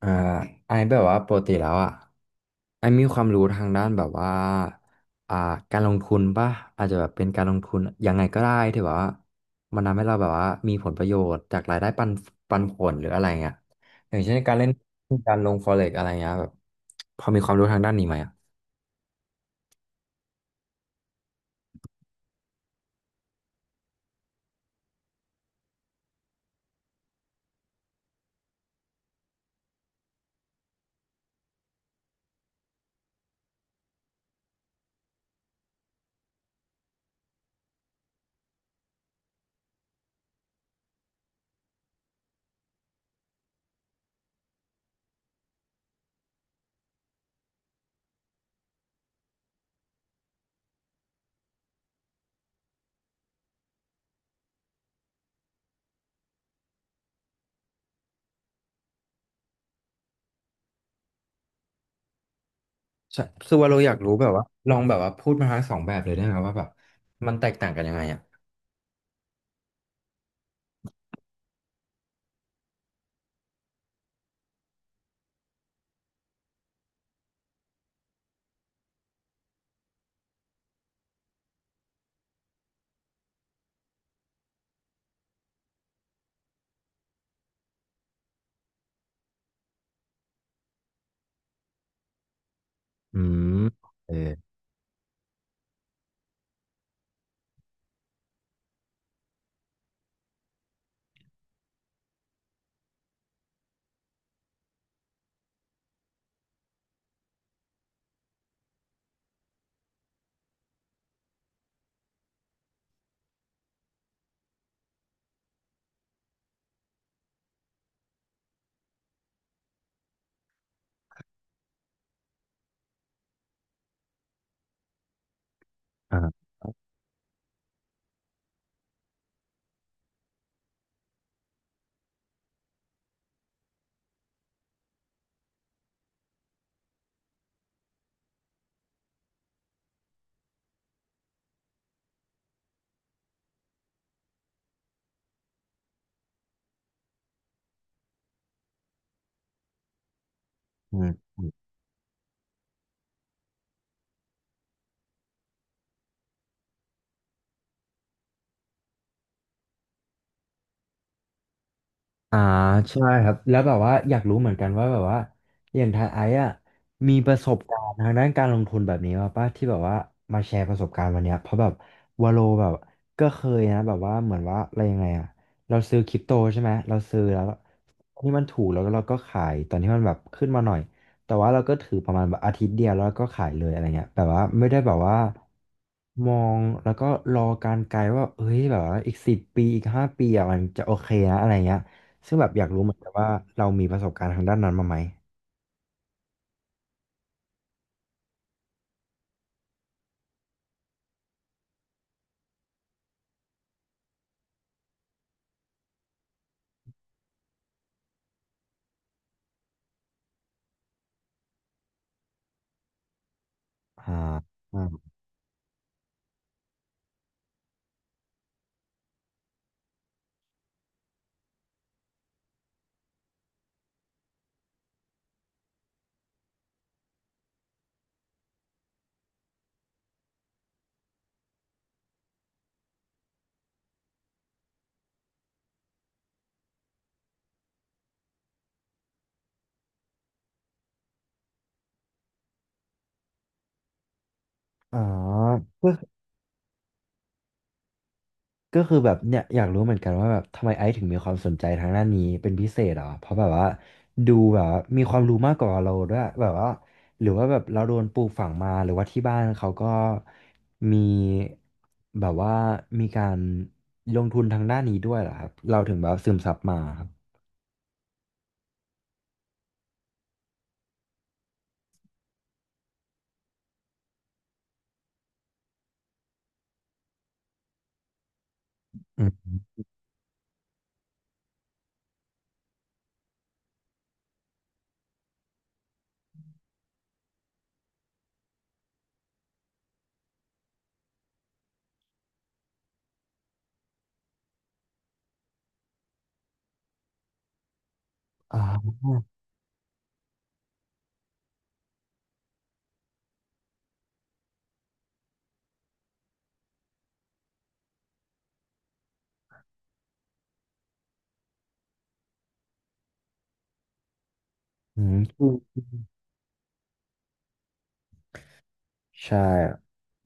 อ่าไอแบบว่าปกติแล้วอ่ะไอมีความรู้ทางด้านแบบว่าอ่าการลงทุนป่ะอาจจะแบบเป็นการลงทุนยังไงก็ได้ที่แบบว่ามันทำให้เราแบบว่ามีผลประโยชน์จากรายได้ปันผลหรืออะไรเงี้ยอย่างเช่นการเล่นการลง forex อะไรเงี้ยแบบพอมีความรู้ทางด้านนี้ไหมอ่ะใช่คือว่าเราอยากรู้แบบว่าลองแบบว่าพูดมาทั้งสองแบบเลยได้ไหมว่าแบบมันแตกต่างกันยังไงอ่ะอืมเอออ่าอืม อ่าใช่ครับแล้วแบบว่าอยากรู้เหมือนกันว่าแบบว่าอย่างทายไอซ์อะมีประสบการณ์ทางด้านการลงทุนแบบนี้มาป่ะที่แบบว่ามาแชร์ประสบการณ์วันเนี้ยเพราะแบบวาโลแบบก็เคยนะแบบว่าเหมือนว่าอะไรยังไงอะเราซื้อคริปโตใช่ไหมเราซื้อแล้วตอนที่มันถูกแล้วก็เราก็ขายตอนที่มันแบบขึ้นมาหน่อยแต่ว่าเราก็ถือประมาณแบบอาทิตย์เดียวแล้วก็ขายเลยอะไรเงี้ยแบบว่าไม่ได้แบบว่ามองแล้วก็รอการไกลว่าเฮ้ยแบบว่าอีกสิบปีอีกห้าปีอ่ะมันจะโอเคนะอะไรเงี้ย ซึ่งแบบอยากรู้เหมือนกันว่าเรามีประสบการณ์ทางด้านนั้นมาไหมอ่าอ่าอ๋อก็ก็คือแบบเนี่ยอยากรู้เหมือนกันว่าแบบทำไมไอซ์ถึงมีความสนใจทางด้านนี้เป็นพิเศษเหรอเพราะแบบว่าดูแบบว่ามีความรู้มากกว่าเราด้วยแบบว่าหรือว่าแบบเราโดนปลูกฝังมาหรือว่าที่บ้านเขาก็มีแบบว่ามีการลงทุนทางด้านนี้ด้วยเหรอครับเราถึงแบบซึมซับมาครับอืมอ่าอืม ใช่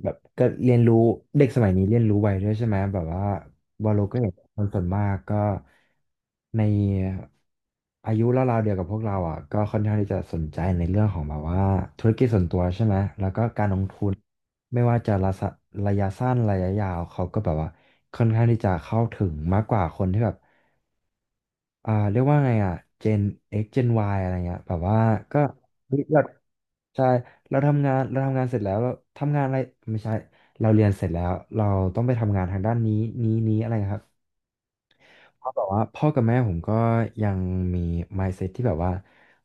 แบบก็เรียนรู้เด็กสมัยนี้เรียนรู้ไวด้วยใช่ไหมแบบว่าวาโลก็เห็นคนส่วนมากก็ในอายุราวๆเดียวกับพวกเราอ่ะก็ค่อนข้างที่จะสนใจในเรื่องของแบบว่าธุรกิจส่วนตัวใช่ไหมแล้วก็การลงทุนไม่ว่าจะระยะสั้นระยะยาวเขาก็แบบว่าค่อนข้างที่จะเข้าถึงมากกว่าคนที่แบบ เรียกว่าไงอ่ะ Gen X Gen Y อะไรเงี้ยแบบว่าก็เฮ้ยเราใช่เราทำงานเสร็จแล้วเราทำงานอะไรไม่ใช่เราเรียนเสร็จแล้วเราต้องไปทำงานทางด้านนี้อะไรครับ เพราะแบบว่าพ่อกับแม่ผมก็ยังมี mindset ที่แบบว่า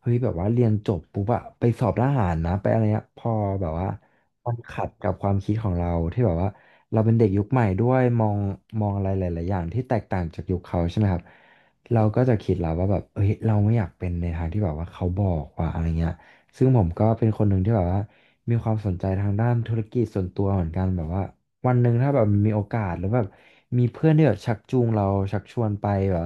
เฮ้ยแบบว่าเรียนจบปุ๊บอะไปสอบทหารนะไปอะไรเงี้ยพอแบบว่ามันขัดกับความคิดของเราที่แบบว่าเราเป็นเด็กยุคใหม่ด้วยมองอะไรหลายๆอย่างที่แตกต่างจากยุคเขาใช่ไหมครับเราก็จะคิดแล้วว่าแบบเฮ้ยเราไม่อยากเป็นในทางที่แบบว่าเขาบอกว่าอะไรเงี้ยซึ่งผมก็เป็นคนหนึ่งที่แบบว่ามีความสนใจทางด้านธุรกิจส่วนตัวเหมือนกันแบบว่า วันหนึ่งถ้าแบบมีโอกาสหรือแบบมีเพื่อนที่แบบชักจูงเราชักชวนไปแบบ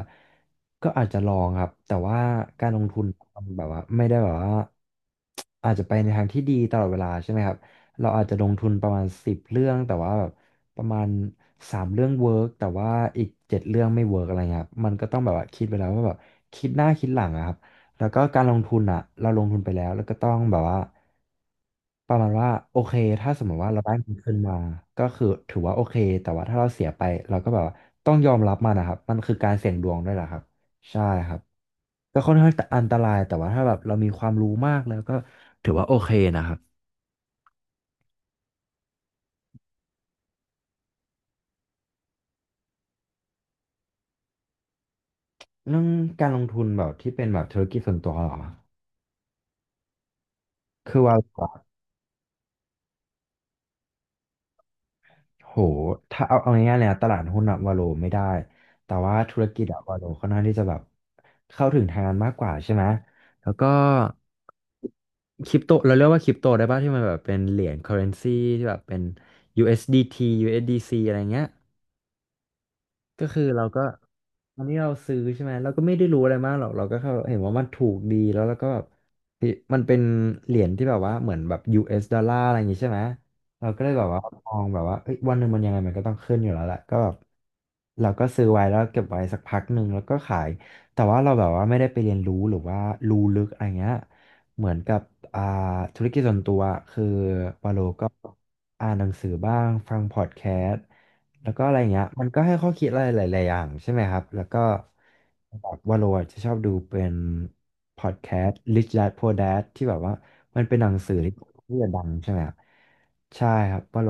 ก็อาจจะลองครับแต่ว่าการลงทุนมันแบบว่าไม่ได้แบบว่าอาจจะไปในทางที่ดีตลอดเวลาใช่ไหมครับเราอาจจะลงทุนประมาณสิบเรื่องแต่ว่าแบบประมาณสามเรื่องเวิร์กแต่ว่าอีกเจ็ดเรื่องไม่เวิร์กอะไรเงี้ยครับมันก็ต้องแบบว่าคิดไปแล้วว่าแบบคิดหน้าคิดหลังอะครับ แล้วก็การลงทุนอ่ะเราลงทุนไปแล้วแล้วก็ต้องแบบว่าประมาณว่าโอเคถ้าสมมติว่าเราได้มันคืนมาก็คือถือว่าโอเคแต่ว่าถ้าเราเสียไปเราก็แบบว่าต้องยอมรับมันนะครับมันคือการเสี่ยงดวงด้วยแหละครับใช่ครับก็ค่อนข้างอันตรายแต่ว่าถ้าแบบเรามีความรู้มากแล้วก็ถือว่าโอเคนะครับเรื่องการลงทุนแบบที่เป็นแบบธุรกิจส่วนตัวเหรอคือว่า โห ถ้าเอาง่ายๆเลยนะตลาดหุ้นอะวาโลไม่ได้ แต่ว่าธุรกิจอะวาโลค่อนข้างที่จะแบบเข้าถึงทางนั้นมากกว่าใช่ไหม แล้วก็คริปโตเราเรียกว่าคริปโตได้ป่ะที่มันแบบเป็นเหรียญ currency ที่แบบเป็น USDT USDC อสดีทียูเอสดีซีอะไรเงี้ย ก็คือเราก็ตอนนี้เราซื้อใช่ไหมเราก็ไม่ได้รู้อะไรมากหรอกเราก็แค่เห็นว่ามันถูกดีแล้วเราก็แบบเฮ้ยมันเป็นเหรียญที่แบบว่าเหมือนแบบ US ดอลลาร์อะไรอย่างงี้ใช่ไหมเราก็เลยแบบว่ามองแบบว่าเอ้ยวันหนึ่งมันยังไงมันก็ต้องขึ้นอยู่แล้วแหละก็แบบเราก็ซื้อไว้แล้วเก็บไว้สักพักหนึ่งแล้วก็ขายแต่ว่าเราแบบว่าไม่ได้ไปเรียนรู้หรือว่ารู้ลึกอะไรเงี้ยเหมือนกับอ่าธุรกิจส่วนตัวคือวาโลก็อ่านหนังสือบ้างฟังพอดแคสต์ แล้วก็อะไรเงี้ยมันก็ให้ข้อคิดอะไรหลายๆอย่างใช่ไหมครับแล้วก็แบบว่าโรอจะชอบดูเป็นพอดแคสต์ Rich Dad Poor Dad ที่แบบว่ามันเป็นหนังสือที่จะดังใช่ไหมครับใช่ครับว่าโร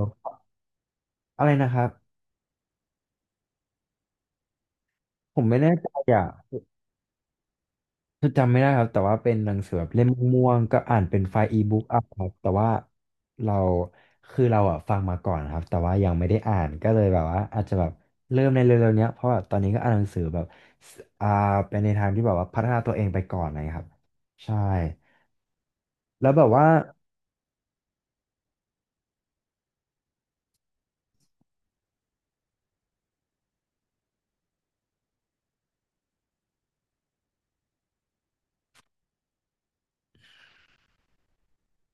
อะไรนะครับผมไม่แน่ใจอ่ะ คือจำไม่ได้ครับแต่ว่าเป็นหนังสือแบบเล่มม่วงๆก็อ่านเป็นไฟล์อีบุ๊กอ่ะครับแต่ว่าเราเราอ่ะฟังมาก่อนครับแต่ว่ายังไม่ได้อ่านก็เลยแบบว่าอาจจะแบบเริ่มในเร็วๆเนี้ยเพราะแบบตอนนี้ก็อ่านหนังสือแบบสเป็นในทางที่แบบว่าพัฒนาตัวเองไปก่อนอะไรอยครับใช่แล้วแบบว่า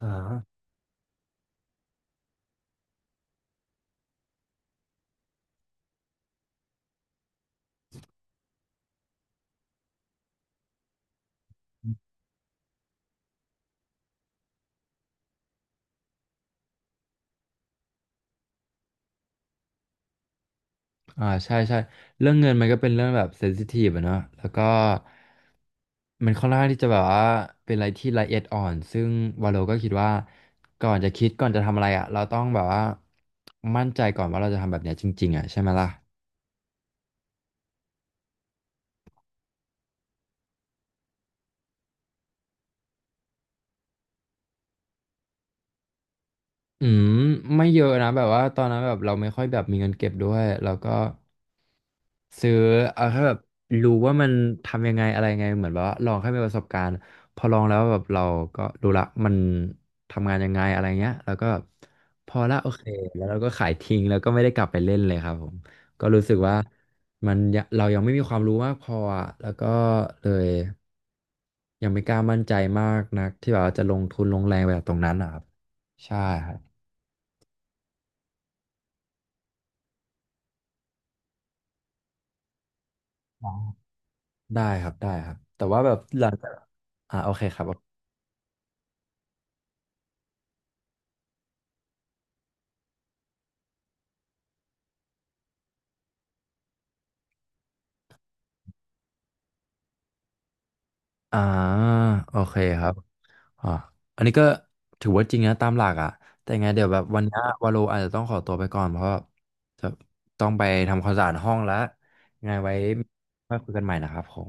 อ่าใช่ใช่เรื่องเงินมันก็เป็นเรื่องแบบเซนซิทีฟอะเนาะแล้วก็ มันค่อนข้างที่จะแบบว่าเป็นอะไรที่ละเอียดอ่อนซึ่งวาโลก็คิดว่าก่อนจะคิดก่อนจะทำอะไรอ่ะเราต้องแบบว่ามั่นใจก่อนว่าเราจะทำแบบเนี้ยจริงๆอ่ะใช่ไหมล่ะ อืมไม่เยอะนะแบบว่าตอนนั้นแบบเราไม่ค่อยแบบมีเงินเก็บด้วยแล้วก็ซื้อเอาแค่แบบรู้ว่ามันทำยังไงอะไรไงเหมือนแบบว่าลองแค่มีประสบการณ์พอลองแล้วแบบเราก็รู้ละมันทำงานยังไงอะไรเงี้ยแล้วก็แบบพอละโอเคแล้วเราก็ขายทิ้งแล้วก็ไม่ได้กลับไปเล่นเลยครับผมก็รู้สึกว่ามันยังเรายังไม่มีความรู้มากพออะแล้วก็เลยยังไม่กล้ามั่นใจมากนักที่แบบว่าจะลงทุนลงแรงไปกับตรงนั้นนะครับใช่ครับ อ๋อได้ครับได้ครับแต่ว่าแบบหลังจากโอเคครับอ่าโอเคครับอ๋ออันนี้ก็ถือว่าจริงนะตามหลักอ่ะแต่ไงเดี๋ยวแบบวันนี้วาโลอาจจะต้องขอตัวไปก่อนเพราะว่าจะต้องไปทำความสะอาดห้องแล้วยังไงไว้มาคุยกันใหม่นะครับผม